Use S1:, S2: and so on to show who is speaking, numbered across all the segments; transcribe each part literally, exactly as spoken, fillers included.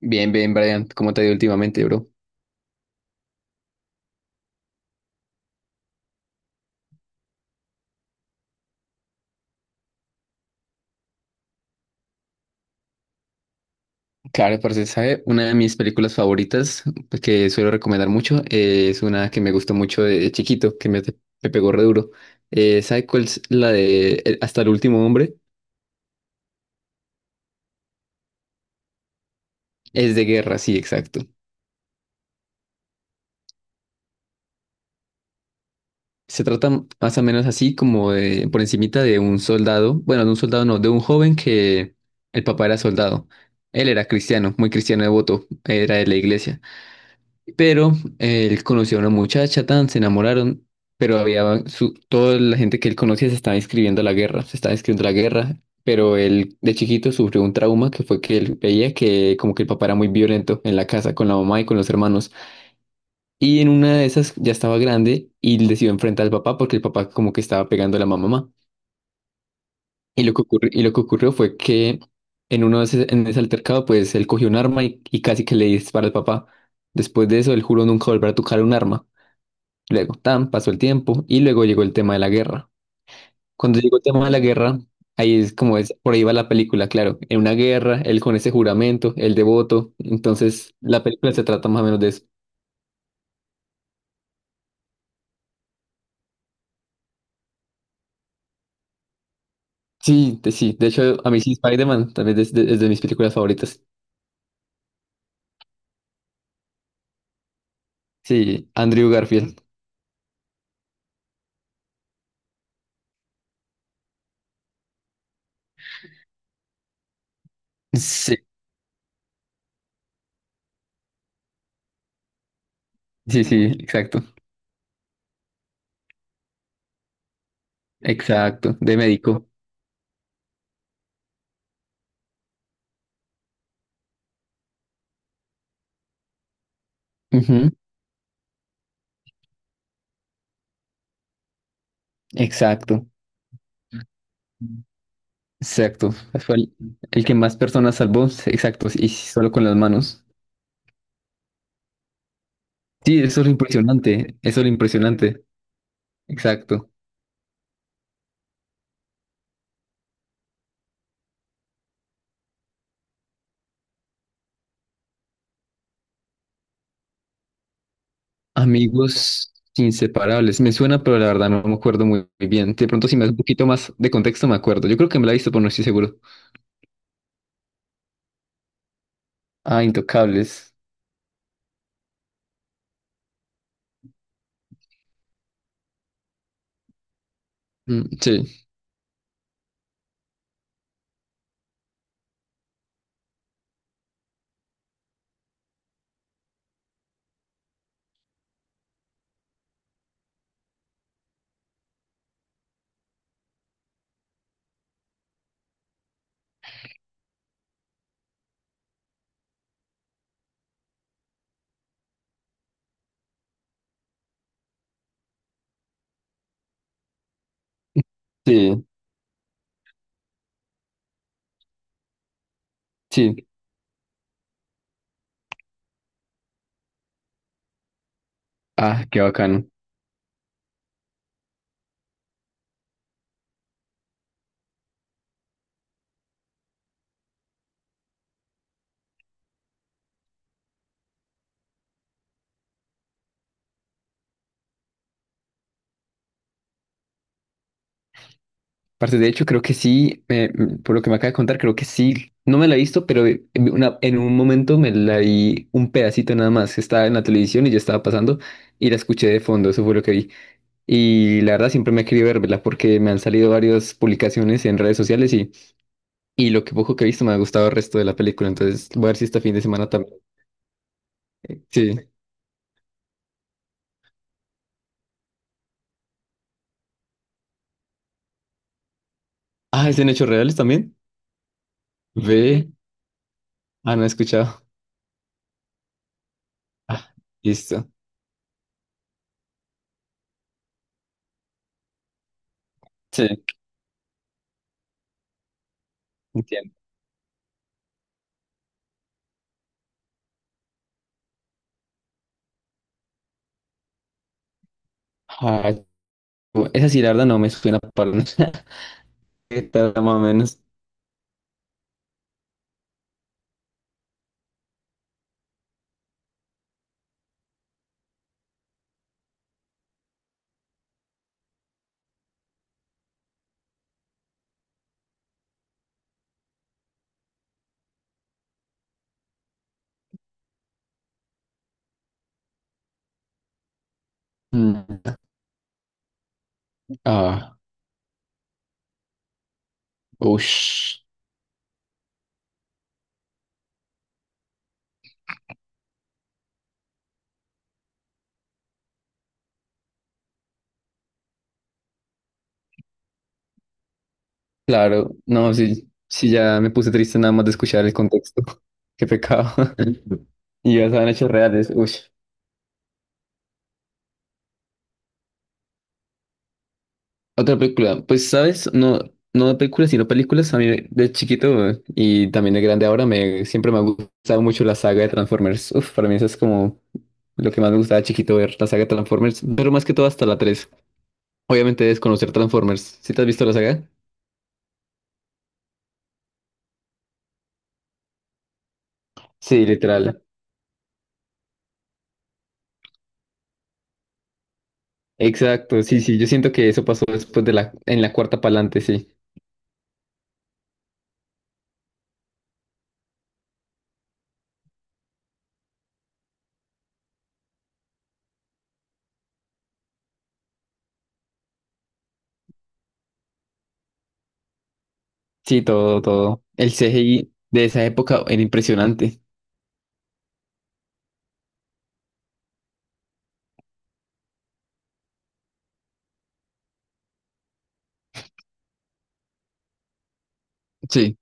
S1: Bien, bien, Brian, ¿cómo te ha ido últimamente, bro? Claro, parce, ¿sabe? Una de mis películas favoritas pues, que suelo recomendar mucho eh, es una que me gustó mucho de chiquito, que me, me pegó re duro. Eh, ¿sabe cuál es la de eh, Hasta el último hombre? Es de guerra, sí, exacto. Se trata más o menos así como de, por encimita de un soldado, bueno, de un soldado no, de un joven que el papá era soldado. Él era cristiano, muy cristiano devoto, era de la iglesia. Pero eh, él conoció a una muchacha, tan, se enamoraron, pero había su, toda la gente que él conocía se estaba inscribiendo a la guerra, se estaba inscribiendo a la guerra, pero él de chiquito sufrió un trauma que fue que él veía que como que el papá era muy violento en la casa con la mamá y con los hermanos. Y en una de esas ya estaba grande y él decidió enfrentar al papá porque el papá como que estaba pegando a la mamá. Y lo que ocurri- y lo que ocurrió fue que en uno de ese, en ese altercado pues él cogió un arma y, y casi que le dispara al papá. Después de eso él juró nunca volver a tocar un arma. Luego, tan, pasó el tiempo y luego llegó el tema de la guerra. Cuando llegó el tema de la guerra, ahí es como es, por ahí va la película, claro. En una guerra, él con ese juramento, el devoto. Entonces, la película se trata más o menos de eso. Sí, de- sí. De hecho, a mí sí, Spider-Man también es de, es de mis películas favoritas. Sí, Andrew Garfield. Sí, sí, sí, exacto. Exacto, de médico. Ujú, exacto. Exacto. Fue el, el que más personas salvó, sí, exacto, y solo con las manos. Sí, eso es lo impresionante, eso es lo impresionante, exacto. Amigos inseparables, me suena, pero la verdad no me acuerdo muy, muy bien. De pronto, si me das un poquito más de contexto, me acuerdo. Yo creo que me la he visto, pero no estoy seguro. Ah, Intocables. Mm, sí, sí, sí. Ah, qué bacano. Aparte, de hecho, creo que sí, eh, mm, por lo que me acaba de contar, creo que sí. No me la he visto, pero eh, en una- en un momento me la vi un pedacito nada más. Estaba en la televisión y yo estaba pasando y la escuché de fondo, eso fue lo que vi. Y la verdad siempre me he querido verla porque me han salido varias publicaciones en redes sociales y, y lo que poco que he visto me ha gustado el resto de la película. Entonces voy a ver si este fin de semana también. Sí. Ah, ¿es en hechos reales también? Ve. Ah, no he escuchado. Ah, listo. Sí, entiendo. Ah, bu- esa sí, la verdad no me suena para nada. ¿Qué tal, más o menos? Mm. Ah, ush. Claro, no, sí, sí, ya me puse triste nada más de escuchar el contexto. Qué pecado. Y ya saben hechos reales. Ush. Otra película, pues sabes, no, no de películas, sino películas. A mí de chiquito eh, y también de grande ahora me siempre me ha gustado mucho la saga de Transformers. Uf, para mí eso es como lo que más me gustaba de chiquito ver la saga de Transformers, pero más que todo hasta la tres. Obviamente desconocer Transformers. ¿Sí te has visto la saga? Sí, literal. Exacto, sí, sí. Yo siento que eso pasó después de la, en la cuarta pa'lante, sí. Sí, todo, todo. El C G I de esa época era impresionante. Sí.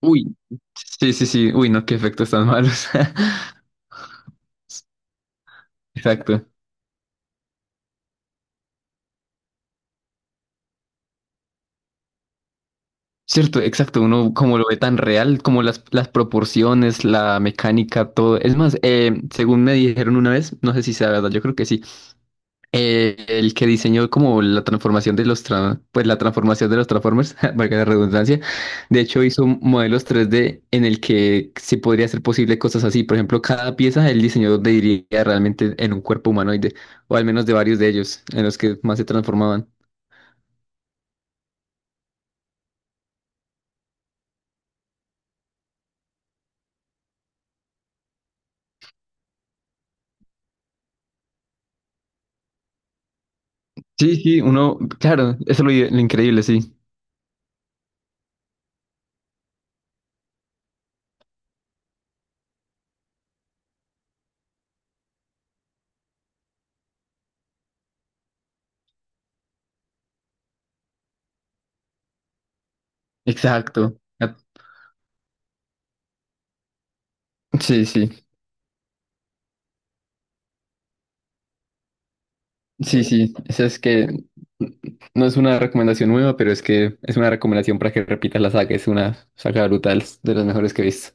S1: Uy, sí, sí, sí. Uy, no, qué efectos tan malos. Exacto. Cierto, exacto. Uno como lo ve tan real, como las, las proporciones, la mecánica, todo. Es más, eh, según me dijeron una vez, no sé si sea verdad, yo creo que sí. eh, el que diseñó como la transformación de los tra- pues la transformación de los Transformers, valga la redundancia. De hecho, hizo modelos tres d en el que se podría hacer posible cosas así. Por ejemplo, cada pieza el diseñador diría realmente en un cuerpo humanoide, o al menos de varios de ellos, en los que más se transformaban. Sí, sí, uno, claro, eso es lo lo increíble, sí. Exacto. Ah, sí, sí, sí, sí. Esa es que no es una recomendación nueva, pero es que es una recomendación para que repitas la saga. Es una saga brutal, de las mejores que he visto.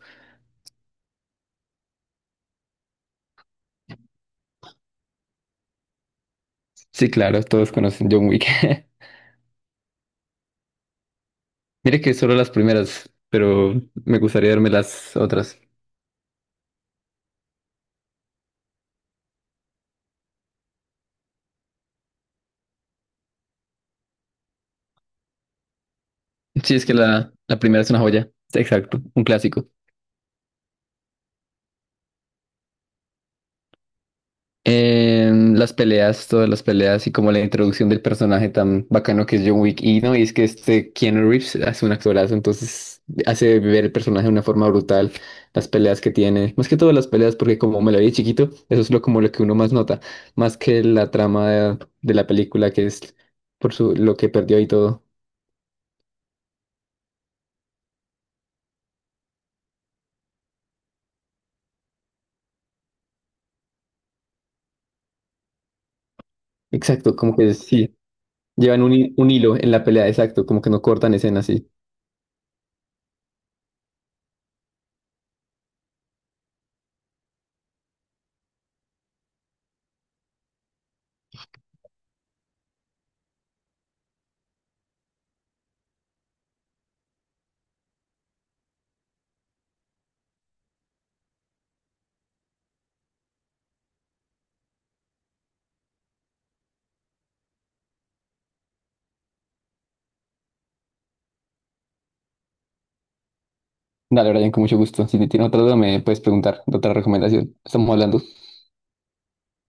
S1: Sí, claro, todos conocen John Wick. Mire que solo las primeras, pero me gustaría verme las otras. Sí, es que la, la primera es una joya. Exacto, un clásico. En las peleas, todas las peleas y como la introducción del personaje tan bacano que es John Wick. Y no, y es que este Keanu Reeves hace un actorazo, entonces hace ver el personaje de una forma brutal. Las peleas que tiene, más que todas las peleas, porque como me la vi de chiquito, eso es lo, como lo que uno más nota, más que la trama de, de la película, que es por su, lo que perdió y todo. Exacto, como que sí, llevan un, hi- un hilo en la pelea, exacto, como que no cortan escenas, sí. Dale, Brian, con mucho gusto. Si tienes otra duda, me puedes preguntar, otra recomendación. Estamos hablando.